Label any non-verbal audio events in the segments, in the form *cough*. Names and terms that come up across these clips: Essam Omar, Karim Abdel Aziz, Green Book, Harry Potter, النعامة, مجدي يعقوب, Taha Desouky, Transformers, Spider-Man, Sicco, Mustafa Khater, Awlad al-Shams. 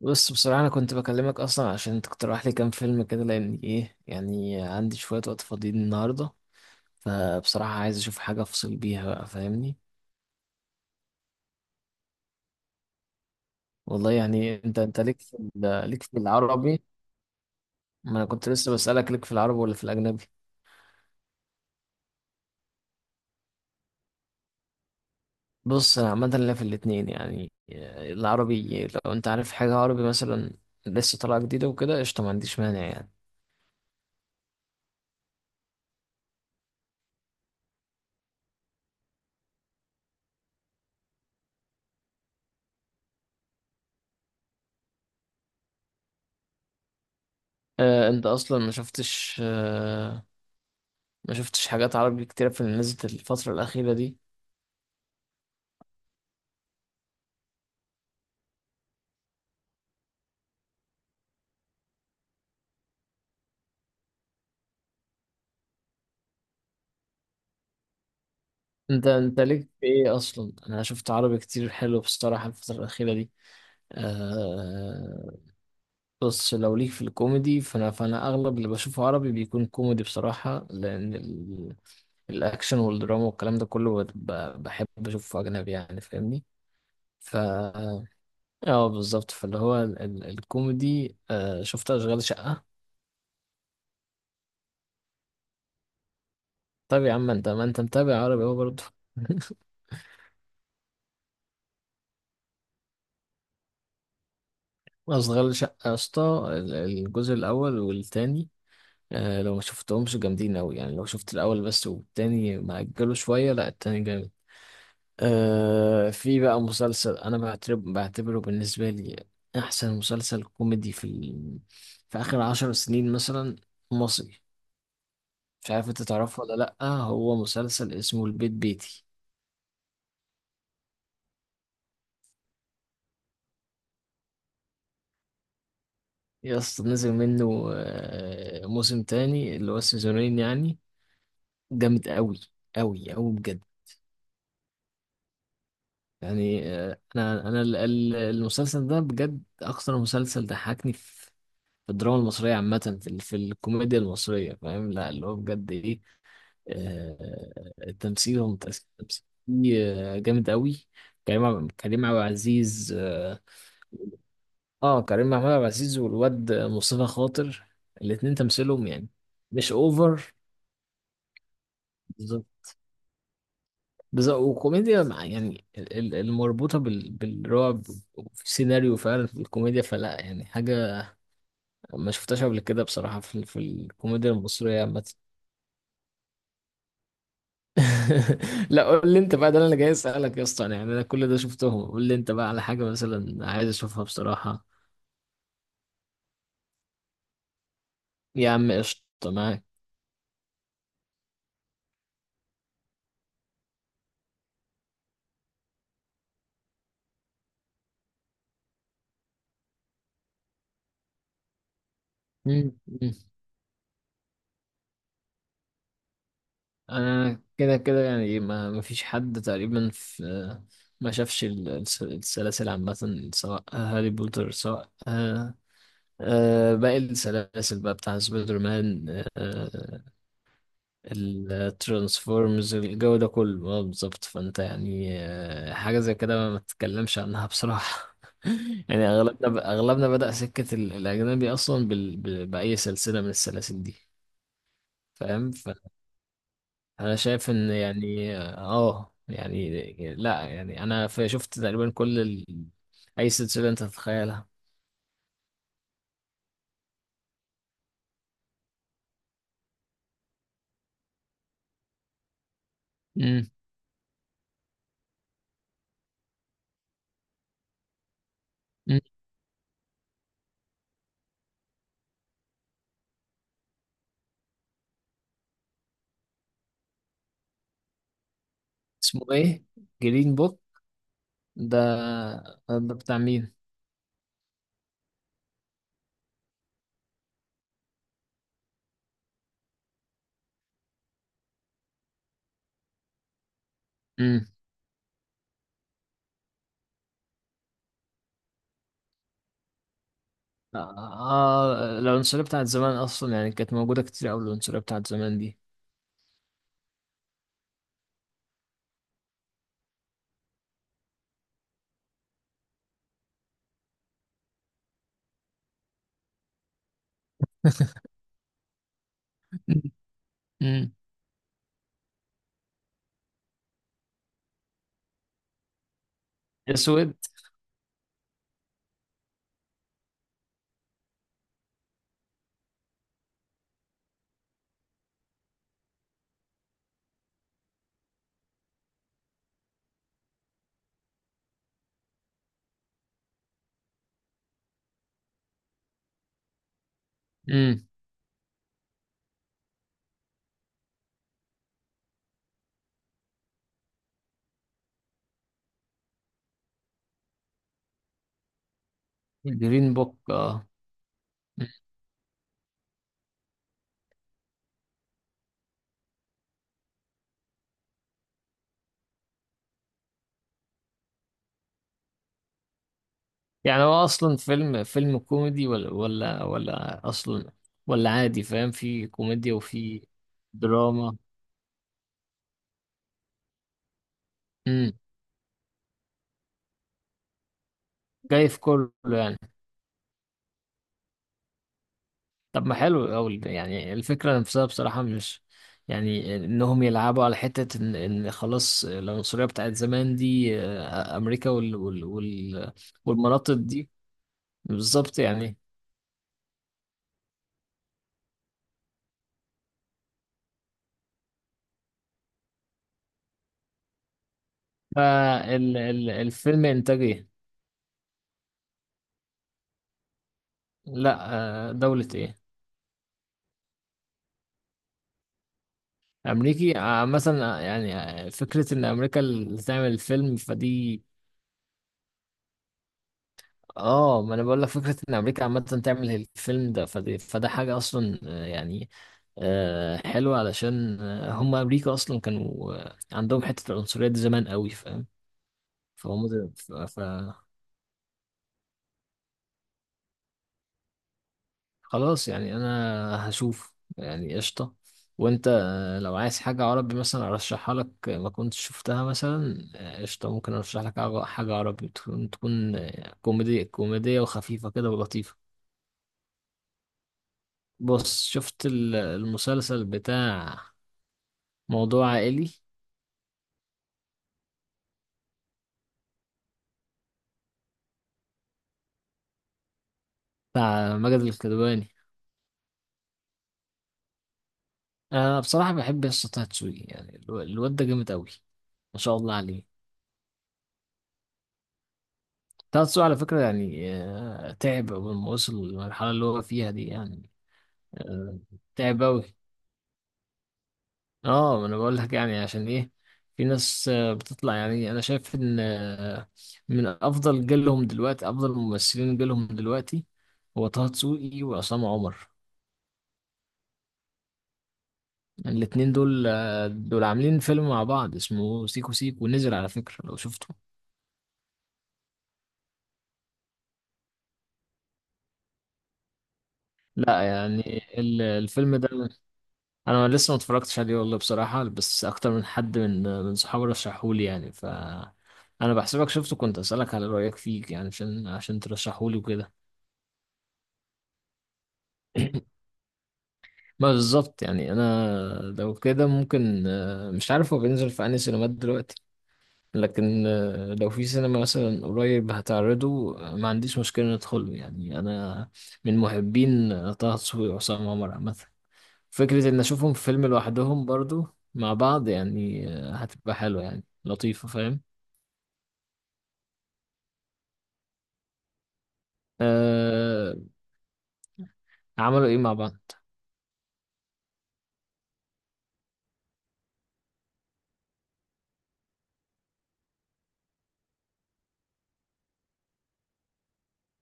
بص، بصراحة أنا كنت بكلمك أصلا عشان تقترح لي كام فيلم كده، لأن إيه يعني عندي شوية وقت فاضيين النهاردة. فبصراحة عايز أشوف حاجة أفصل بيها بقى، فاهمني. والله يعني أنت ليك في العربي؟ ما أنا كنت لسه بسألك ليك في العربي ولا في الأجنبي؟ بص، أنا عامة ليا في الاتنين يعني. العربي لو أنت عارف حاجة عربي مثلا لسه طالعة جديدة وكده، قشطة، ما عنديش مانع يعني. أنت أصلا ما شفتش حاجات عربي كتيرة في اللي نزلت الفترة الأخيرة دي. انت ليك في ايه اصلا؟ انا شفت عربي كتير حلو بصراحه الفتره الاخيره دي. آه. بص، لو ليك في الكوميدي فانا فانا اغلب اللي بشوفه عربي بيكون كوميدي بصراحه، لان الاكشن والدراما والكلام ده كله بحب اشوفه اجنبي يعني، فاهمني. ف اه بالظبط، فاللي هو الكوميدي، شفت اشغال شقه. طب يا عم، انت ما انت متابع عربي اهو برضه. *laughs* اشغال شقه يا اسطى، الجزء الاول والتاني. لو ما شفتهمش جامدين أوي يعني، لو شفت الأول بس والتاني مأجله شوية، لأ التاني جامد. في بقى مسلسل، أنا بعتبره بالنسبة لي أحسن مسلسل كوميدي في في آخر 10 سنين مثلا، مصري. مش عارف أنت تعرفه ولا لأ؟ هو مسلسل اسمه البيت بيتي. يا اسطى، نزل منه موسم تاني، اللي هو السيزونين يعني. جامد أوي أوي أوي بجد. يعني، انا المسلسل ده بجد اكثر مسلسل ضحكني في الدراما المصريه عامه، في الكوميديا المصريه، فاهم؟ لا اللي هو بجد ايه. التمثيل هو متأثر، التمثيل فيه، جامد قوي. كريم عبد العزيز. اه. كريم محمود عبد العزيز والواد مصطفى خاطر. الاتنين تمثيلهم يعني مش اوفر، بالظبط. بالظبط، وكوميديا يعني المربوطة بالرعب، وفي سيناريو فعلا في الكوميديا، فلا يعني حاجة ما شفتهاش قبل كده بصراحة في الكوميديا المصرية عامة. *laughs* لا، قول لي انت بقى، ده اللي انا جاي اسألك يا اسطى، انا يعني انا كل ده شفتهم، قول لي انت بقى على حاجة مثلا عايز اشوفها بصراحة. يا عم، قشطة، معاك. مم. مم. انا كده كده يعني ما فيش حد تقريبا في ما شافش السلاسل عامة، سواء هاري بوتر، سواء باقي السلاسل بقى بتاع سبايدر مان، آه، الترانسفورمز، الجو ده كله، اه بالظبط. فانت يعني حاجه زي كده ما تتكلمش عنها بصراحه. *laughs* يعني اغلبنا بدأ سكه الاجنبي اصلا باي سلسله من السلاسل دي. فاهم، فانا شايف ان يعني يعني لا يعني انا شفت تقريبا كل اي سلسله انت تتخيلها. امم اسمه ايه؟ جرين بوك. ده ده بتاع مين؟ آه، آه، العنصرية بتاعت زمان أصلا يعني كانت موجودة كتير أوي، العنصرية بتاعت زمان دي. *laughs* امم. أسود. أمم. جرين بوك. آه. مم. يعني هو أصلا فيلم كوميدي ولا أصلا ولا عادي، فاهم؟ في كوميديا وفي دراما. أمم. جاي في كله يعني. طب ما حلو أوي يعني، الفكرة نفسها بصراحة، مش يعني إنهم يلعبوا على حتة إن خلاص العنصرية بتاعت زمان دي أمريكا، والمناطق دي. بالظبط يعني. فالفيلم إنتاج إيه؟ لا، دولة إيه؟ أمريكي، مثلا يعني فكرة إن أمريكا اللي تعمل الفيلم فدي. اه، ما انا بقول لك فكره ان امريكا عامه تعمل الفيلم ده، فده حاجه اصلا يعني حلوه، علشان هم امريكا اصلا كانوا عندهم حته العنصريه دي زمان قوي، فاهم؟ فهم خلاص يعني انا هشوف يعني قشطه. وانت، لو عايز حاجه عربي مثلا ارشحها لك، ما كنتش شفتها مثلا، قشطه، ممكن ارشح لك حاجة عربي تكون كوميديه وخفيفه كده ولطيفه. بص، شفت المسلسل بتاع موضوع عائلي، بتاع ماجد الكدواني؟ انا بصراحه بحب يسطا طه دسوقي يعني، الواد ده جامد قوي، ما شاء الله عليه. طه دسوقي على فكره يعني، تعب اول ما وصل للمرحله اللي هو فيها دي يعني، آه، تعب قوي. اه، ما انا بقول لك يعني عشان ايه؟ في ناس بتطلع يعني، انا شايف ان من افضل جيلهم دلوقتي، افضل ممثلين جيلهم دلوقتي هو طه دسوقي وعصام عمر. الاتنين دول، عاملين فيلم مع بعض اسمه سيكو سيكو، ونزل على فكرة لو شفته. لا يعني الفيلم ده، انا لسه ما اتفرجتش عليه والله بصراحة، بس اكتر من حد من صحابي رشحهولي يعني. انا بحسبك شفته، كنت اسالك على رايك فيك يعني، عشان ترشحهولي وكده. *clears throat* ما بالظبط يعني، انا لو كده ممكن، مش عارف هو بينزل في انهي سينمات دلوقتي، لكن لو في سينما مثلا قريب هتعرضه، ما عنديش مشكلة ندخله يعني، أنا من محبين طه دسوقي وعصام عمر عامة، فكرة إن أشوفهم في فيلم لوحدهم برضو مع بعض يعني هتبقى حلوة يعني لطيفة، فاهم؟ أه، عملوا إيه مع بعض؟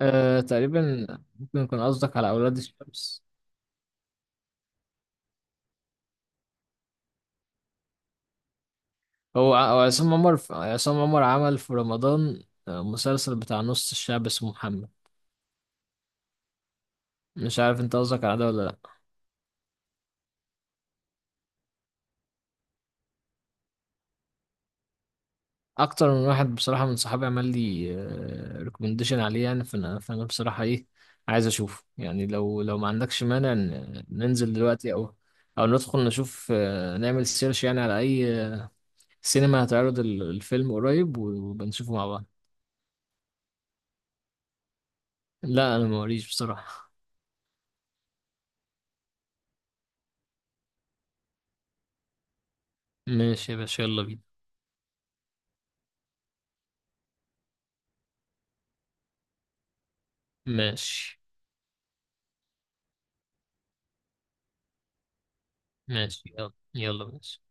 أه، تقريبا ممكن يكون قصدك على أولاد الشمس. هو عصام عمر، عصام عمر عمل في رمضان مسلسل بتاع نص الشعب اسمه محمد. مش عارف انت قصدك على ده ولا؟ اكتر من واحد بصراحه من صحابي عمل لي ريكومنديشن عليه، يعني فانا فانا بصراحه ايه عايز اشوفه يعني، لو ما عندكش مانع ننزل دلوقتي، او ندخل نشوف، نعمل سيرش يعني على اي سينما هتعرض الفيلم قريب، وبنشوفه مع بعض. لا، انا موريش بصراحه. ماشي يا باشا، يلا بينا. ماشي، ماشي، يلا، يلا، ماشي.